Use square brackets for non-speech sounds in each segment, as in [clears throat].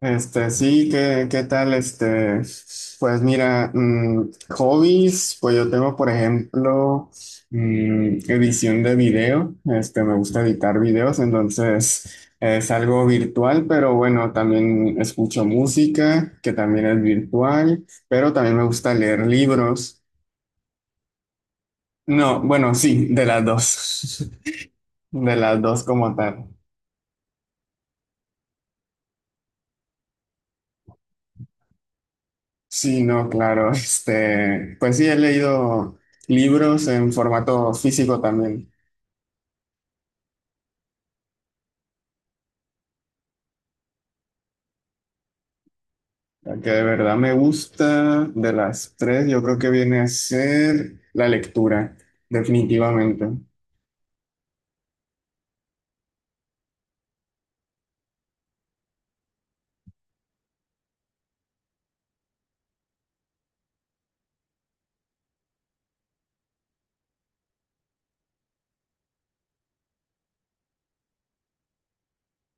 Sí, ¿qué tal? Pues mira, hobbies, pues yo tengo, por ejemplo, edición de video, me gusta editar videos, entonces es algo virtual, pero bueno, también escucho música, que también es virtual, pero también me gusta leer libros. No, bueno, sí, de las dos, [laughs] de las dos como tal. Sí, no, claro. [laughs] Pues sí, he leído libros en formato físico también. La que de verdad me gusta de las tres, yo creo que viene a ser la lectura, definitivamente.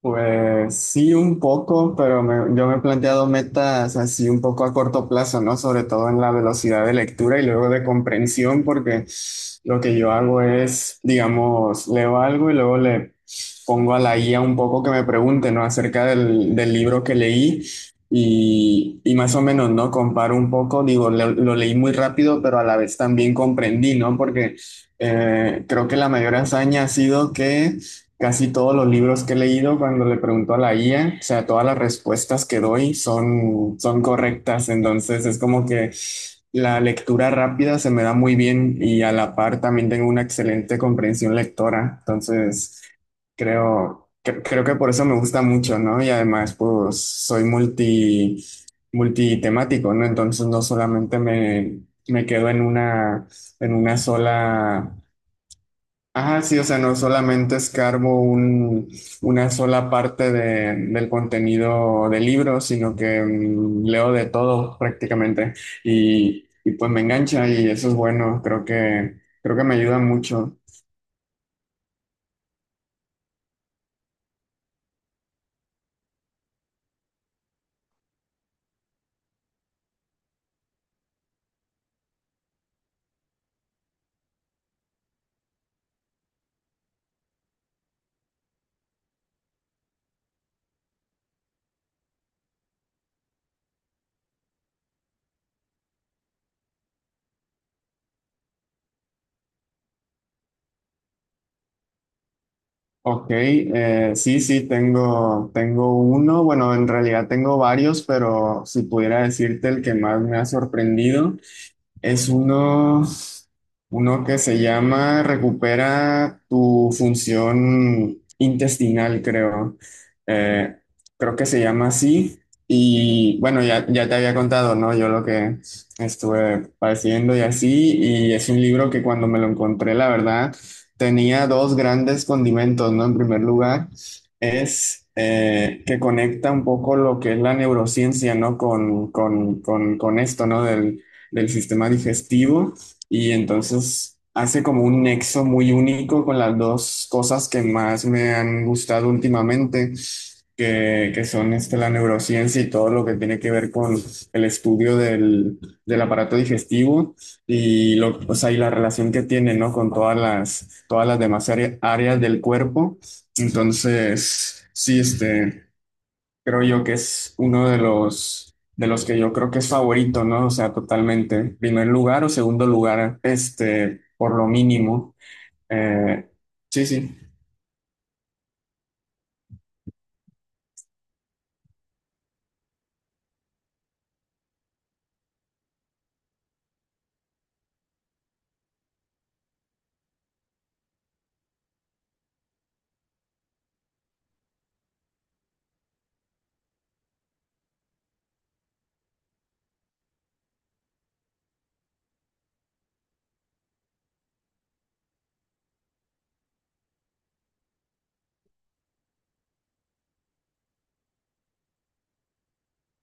Pues sí, un poco, pero yo me he planteado metas así un poco a corto plazo, ¿no? Sobre todo en la velocidad de lectura y luego de comprensión, porque lo que yo hago es, digamos, leo algo y luego le pongo a la guía un poco que me pregunte, ¿no? Acerca del libro que leí y más o menos, ¿no? Comparo un poco, digo, lo leí muy rápido, pero a la vez también comprendí, ¿no? Porque creo que la mayor hazaña ha sido que... Casi todos los libros que he leído, cuando le pregunto a la IA, o sea, todas las respuestas que doy son, son correctas. Entonces es como que la lectura rápida se me da muy bien y a la par también tengo una excelente comprensión lectora. Entonces creo que por eso me gusta mucho, ¿no? Y además, pues soy multitemático, ¿no? Entonces no solamente me quedo en una sola Ajá, sí, o sea, no solamente una sola parte del contenido del libro, sino que leo de todo prácticamente y pues me engancha y eso es bueno, creo que me ayuda mucho. Ok, sí, tengo uno, bueno, en realidad tengo varios, pero si pudiera decirte el que más me ha sorprendido. Es uno, uno que se llama Recupera tu función intestinal, creo. Eh, creo que se llama así. Y bueno, ya te había contado, ¿no? Yo lo que estuve padeciendo y así. Y es un libro que cuando me lo encontré, la verdad, tenía dos grandes condimentos, ¿no? En primer lugar, es que conecta un poco lo que es la neurociencia, ¿no? Con esto, ¿no? Del sistema digestivo y entonces hace como un nexo muy único con las dos cosas que más me han gustado últimamente, que son este, la neurociencia y todo lo que tiene que ver con el estudio del aparato digestivo y, lo, o sea, y la relación que tiene, ¿no? con todas todas las demás áreas del cuerpo. Entonces, sí, este... Creo yo que es uno de de los que yo creo que es favorito, ¿no? O sea, totalmente. Primer lugar o segundo lugar, este, por lo mínimo. Eh, sí, sí.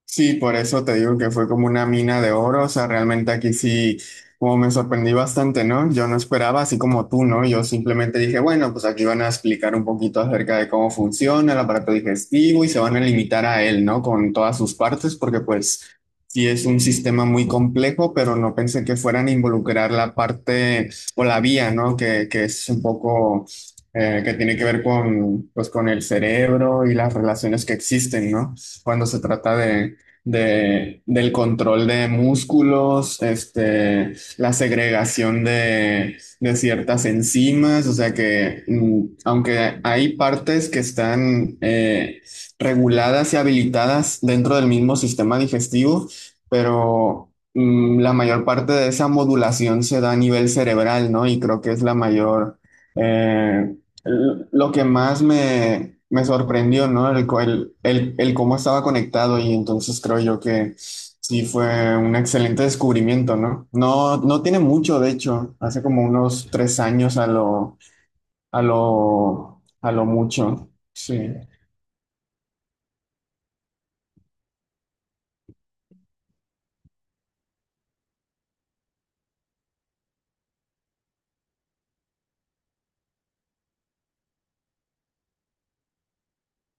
Sí, por eso te digo que fue como una mina de oro, o sea, realmente aquí sí, como me sorprendí bastante, ¿no? Yo no esperaba, así como tú, ¿no? Yo simplemente dije, bueno, pues aquí van a explicar un poquito acerca de cómo funciona el aparato digestivo y se van a limitar a él, ¿no? Con todas sus partes, porque pues sí es un sistema muy complejo, pero no pensé que fueran a involucrar la parte o la vía, ¿no? Que es un poco... que tiene que ver con, pues, con el cerebro y las relaciones que existen, ¿no? Cuando se trata del control de músculos, este, la segregación de ciertas enzimas, o sea que aunque hay partes que están reguladas y habilitadas dentro del mismo sistema digestivo, pero la mayor parte de esa modulación se da a nivel cerebral, ¿no? Y creo que es la mayor... eh, Lo que más me sorprendió, ¿no? El, co- el cómo estaba conectado y entonces creo yo que sí fue un excelente descubrimiento, ¿no? No, no tiene mucho, de hecho, hace como unos tres años a lo mucho. Sí.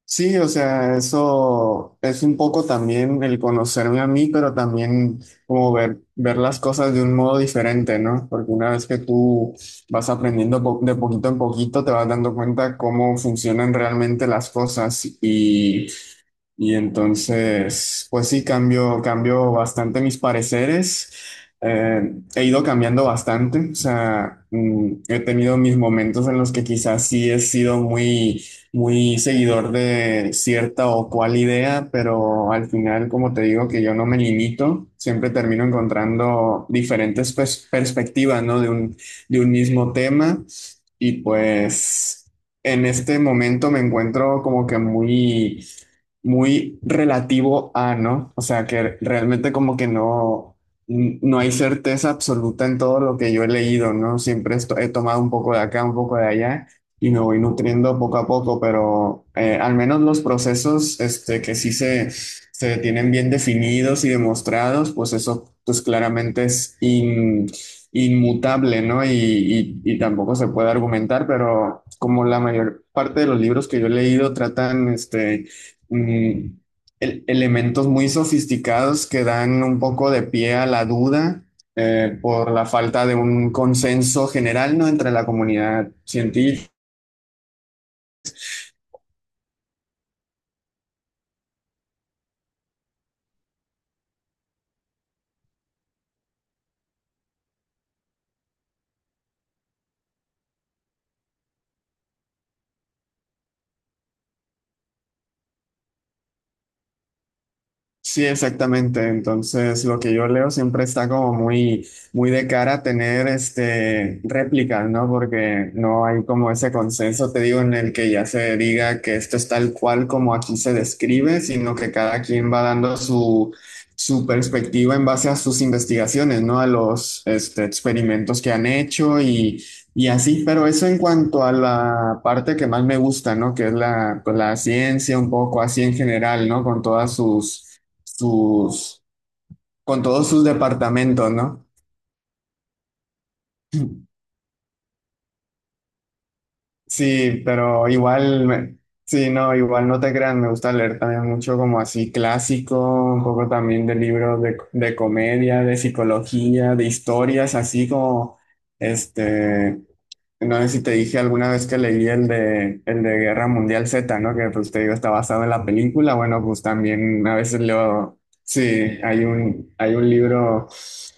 Sí, o sea, eso es un poco también el conocerme a mí, pero también como ver las cosas de un modo diferente, ¿no? Porque una vez que tú vas aprendiendo de poquito en poquito, te vas dando cuenta cómo funcionan realmente las cosas y entonces, pues sí, cambio bastante mis pareceres. Eh, he ido cambiando bastante. O sea, he tenido mis momentos en los que quizás sí he sido muy, muy seguidor de cierta o cual idea, pero al final, como te digo, que yo no me limito, siempre termino encontrando diferentes perspectivas, ¿no? De un mismo tema. Y pues en este momento me encuentro como que muy muy relativo a, ¿no? O sea, que realmente como que no, no hay certeza absoluta en todo lo que yo he leído, ¿no? Siempre he tomado un poco de acá, un poco de allá y me voy nutriendo poco a poco, pero al menos los procesos este, que sí se tienen bien definidos y demostrados, pues eso pues claramente es inmutable, ¿no? Y tampoco se puede argumentar, pero como la mayor parte de los libros que yo he leído tratan, este, mm, elementos muy sofisticados que dan un poco de pie a la duda por la falta de un consenso general, ¿no? entre la comunidad científica Sí, exactamente. Entonces, lo que yo leo siempre está como muy, muy de cara a tener este réplicas, ¿no? Porque no hay como ese consenso, te digo, en el que ya se diga que esto es tal cual como aquí se describe, sino que cada quien va dando su, su perspectiva en base a sus investigaciones, ¿no? A los este, experimentos que han hecho y así. Pero eso en cuanto a la parte que más me gusta, ¿no? Que es la, pues, la ciencia, un poco así en general, ¿no? Con todas sus, con todos sus departamentos, ¿no? [clears throat] Sí, pero igual, sí, no, igual no te crean, me gusta leer también mucho como así clásico, un poco también de libros de comedia, de psicología, de historias, así como, este, No sé si te dije alguna vez que leí el de Guerra Mundial Z, ¿no? Que pues te digo, está basado en la película. Bueno, pues también a veces leo, sí, hay un libro,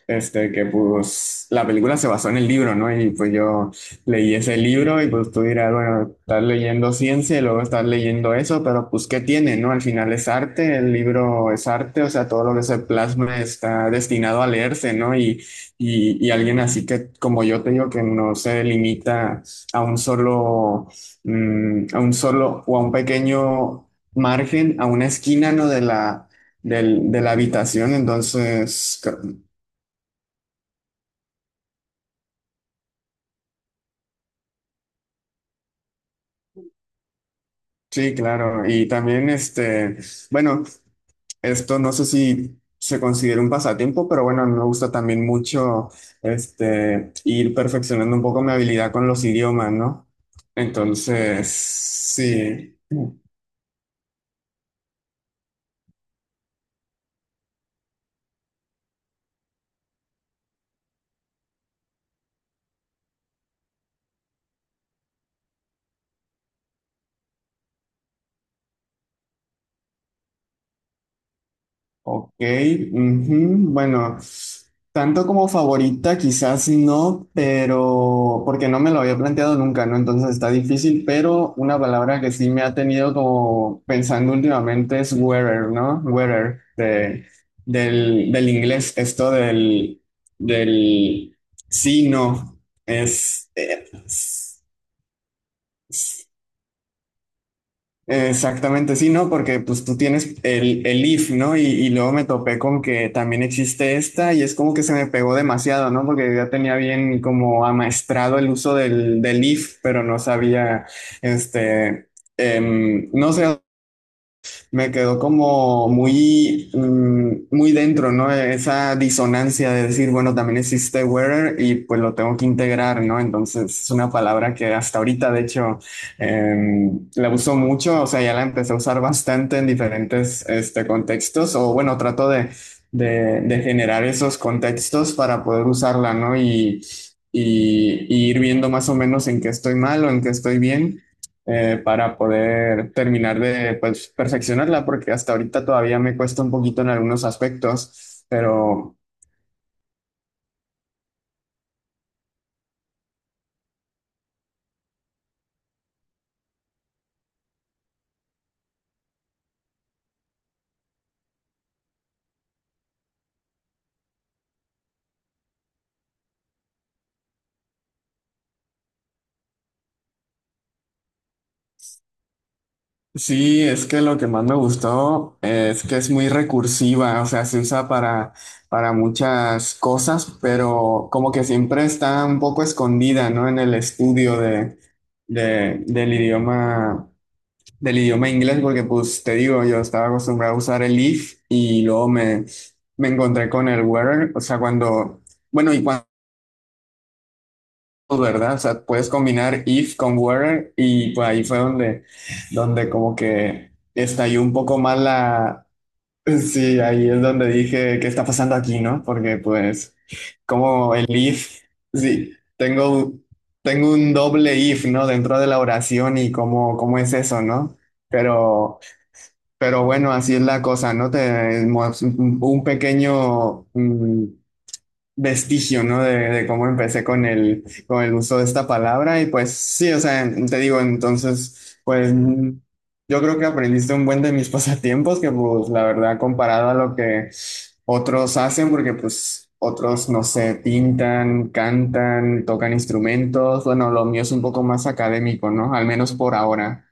este, que pues la película se basó en el libro, ¿no? Y pues yo leí ese libro y pues tú dirás, bueno, estás leyendo ciencia y luego estás leyendo eso, pero pues ¿qué tiene, no? Al final es arte, el libro es arte, o sea, todo lo que se plasma está destinado a leerse, ¿no? Y alguien así que, como yo te digo, que no se limita a un solo, a un solo o a un pequeño margen, a una esquina, ¿no? De la habitación. Entonces, sí, claro. Y también, bueno, esto no sé si se considera un pasatiempo, pero bueno, me gusta también mucho, ir perfeccionando un poco mi habilidad con los idiomas, ¿no? Entonces, sí. Ok, ujú, bueno, tanto como favorita quizás no, pero porque no me lo había planteado nunca, ¿no? Entonces está difícil, pero una palabra que sí me ha tenido como pensando últimamente es wearer, ¿no? Del inglés, esto del sí, no, es, exactamente, sí, ¿no? Porque pues tú tienes el if, ¿no? Y luego me topé con que también existe esta y es como que se me pegó demasiado, ¿no? Porque ya tenía bien como amaestrado el uso del if, pero no sabía, este, no sé, me quedó como muy, muy dentro, ¿no? Esa disonancia de decir, bueno, también existe wearer y pues lo tengo que integrar, ¿no? Entonces es una palabra que hasta ahorita, de hecho, la uso mucho, o sea, ya la empecé a usar bastante en diferentes este, contextos, o bueno, trato de generar esos contextos para poder usarla, ¿no? Y ir viendo más o menos en qué estoy mal o en qué estoy bien para poder terminar de pues, perfeccionarla, porque hasta ahorita todavía me cuesta un poquito en algunos aspectos, pero sí, es que lo que más me gustó es que es muy recursiva, o sea, se usa para muchas cosas, pero como que siempre está un poco escondida, ¿no? En el estudio del idioma. Del idioma inglés porque pues te digo, yo estaba acostumbrado a usar el if y luego me encontré con el where, o sea, cuando, bueno, y cuando, ¿verdad? O sea, puedes combinar if con where y pues ahí fue donde, donde como que estalló un poco más la, sí, ahí es donde dije, ¿qué está pasando aquí, no? Porque pues como el if, sí, tengo, tengo un doble if, ¿no? Dentro de la oración y cómo, cómo es eso, ¿no? Pero... Pero bueno, así es la cosa, ¿no? Un pequeño vestigio, ¿no? De cómo empecé con el uso de esta palabra. Y pues sí, o sea, te digo, entonces, pues yo creo que aprendiste un buen de mis [laughs] pasatiempos, que pues la verdad, comparado a lo que otros hacen, porque pues otros, no sé, pintan, cantan, tocan instrumentos. Bueno, lo mío es un poco más académico, ¿no? Al menos por ahora.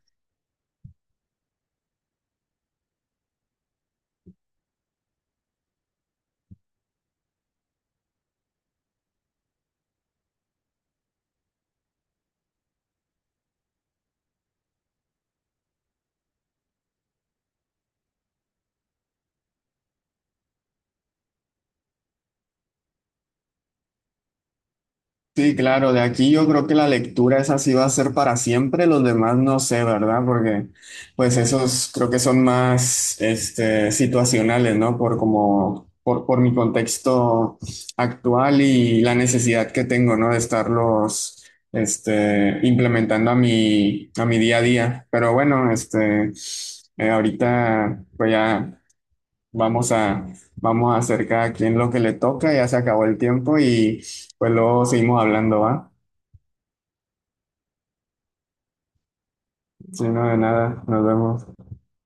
Sí, claro, de aquí yo creo que la lectura esa sí va a ser para siempre, los demás no sé, ¿verdad? Porque pues esos creo que son más este, situacionales, ¿no? Por como, por mi contexto actual y la necesidad que tengo, ¿no? De estarlos este, implementando a mi día a día. Pero bueno, este, ahorita pues ya. Vamos a, vamos a hacer cada quien lo que le toca, ya se acabó el tiempo y pues luego seguimos hablando, ¿va? Si no, de nada, nos vemos.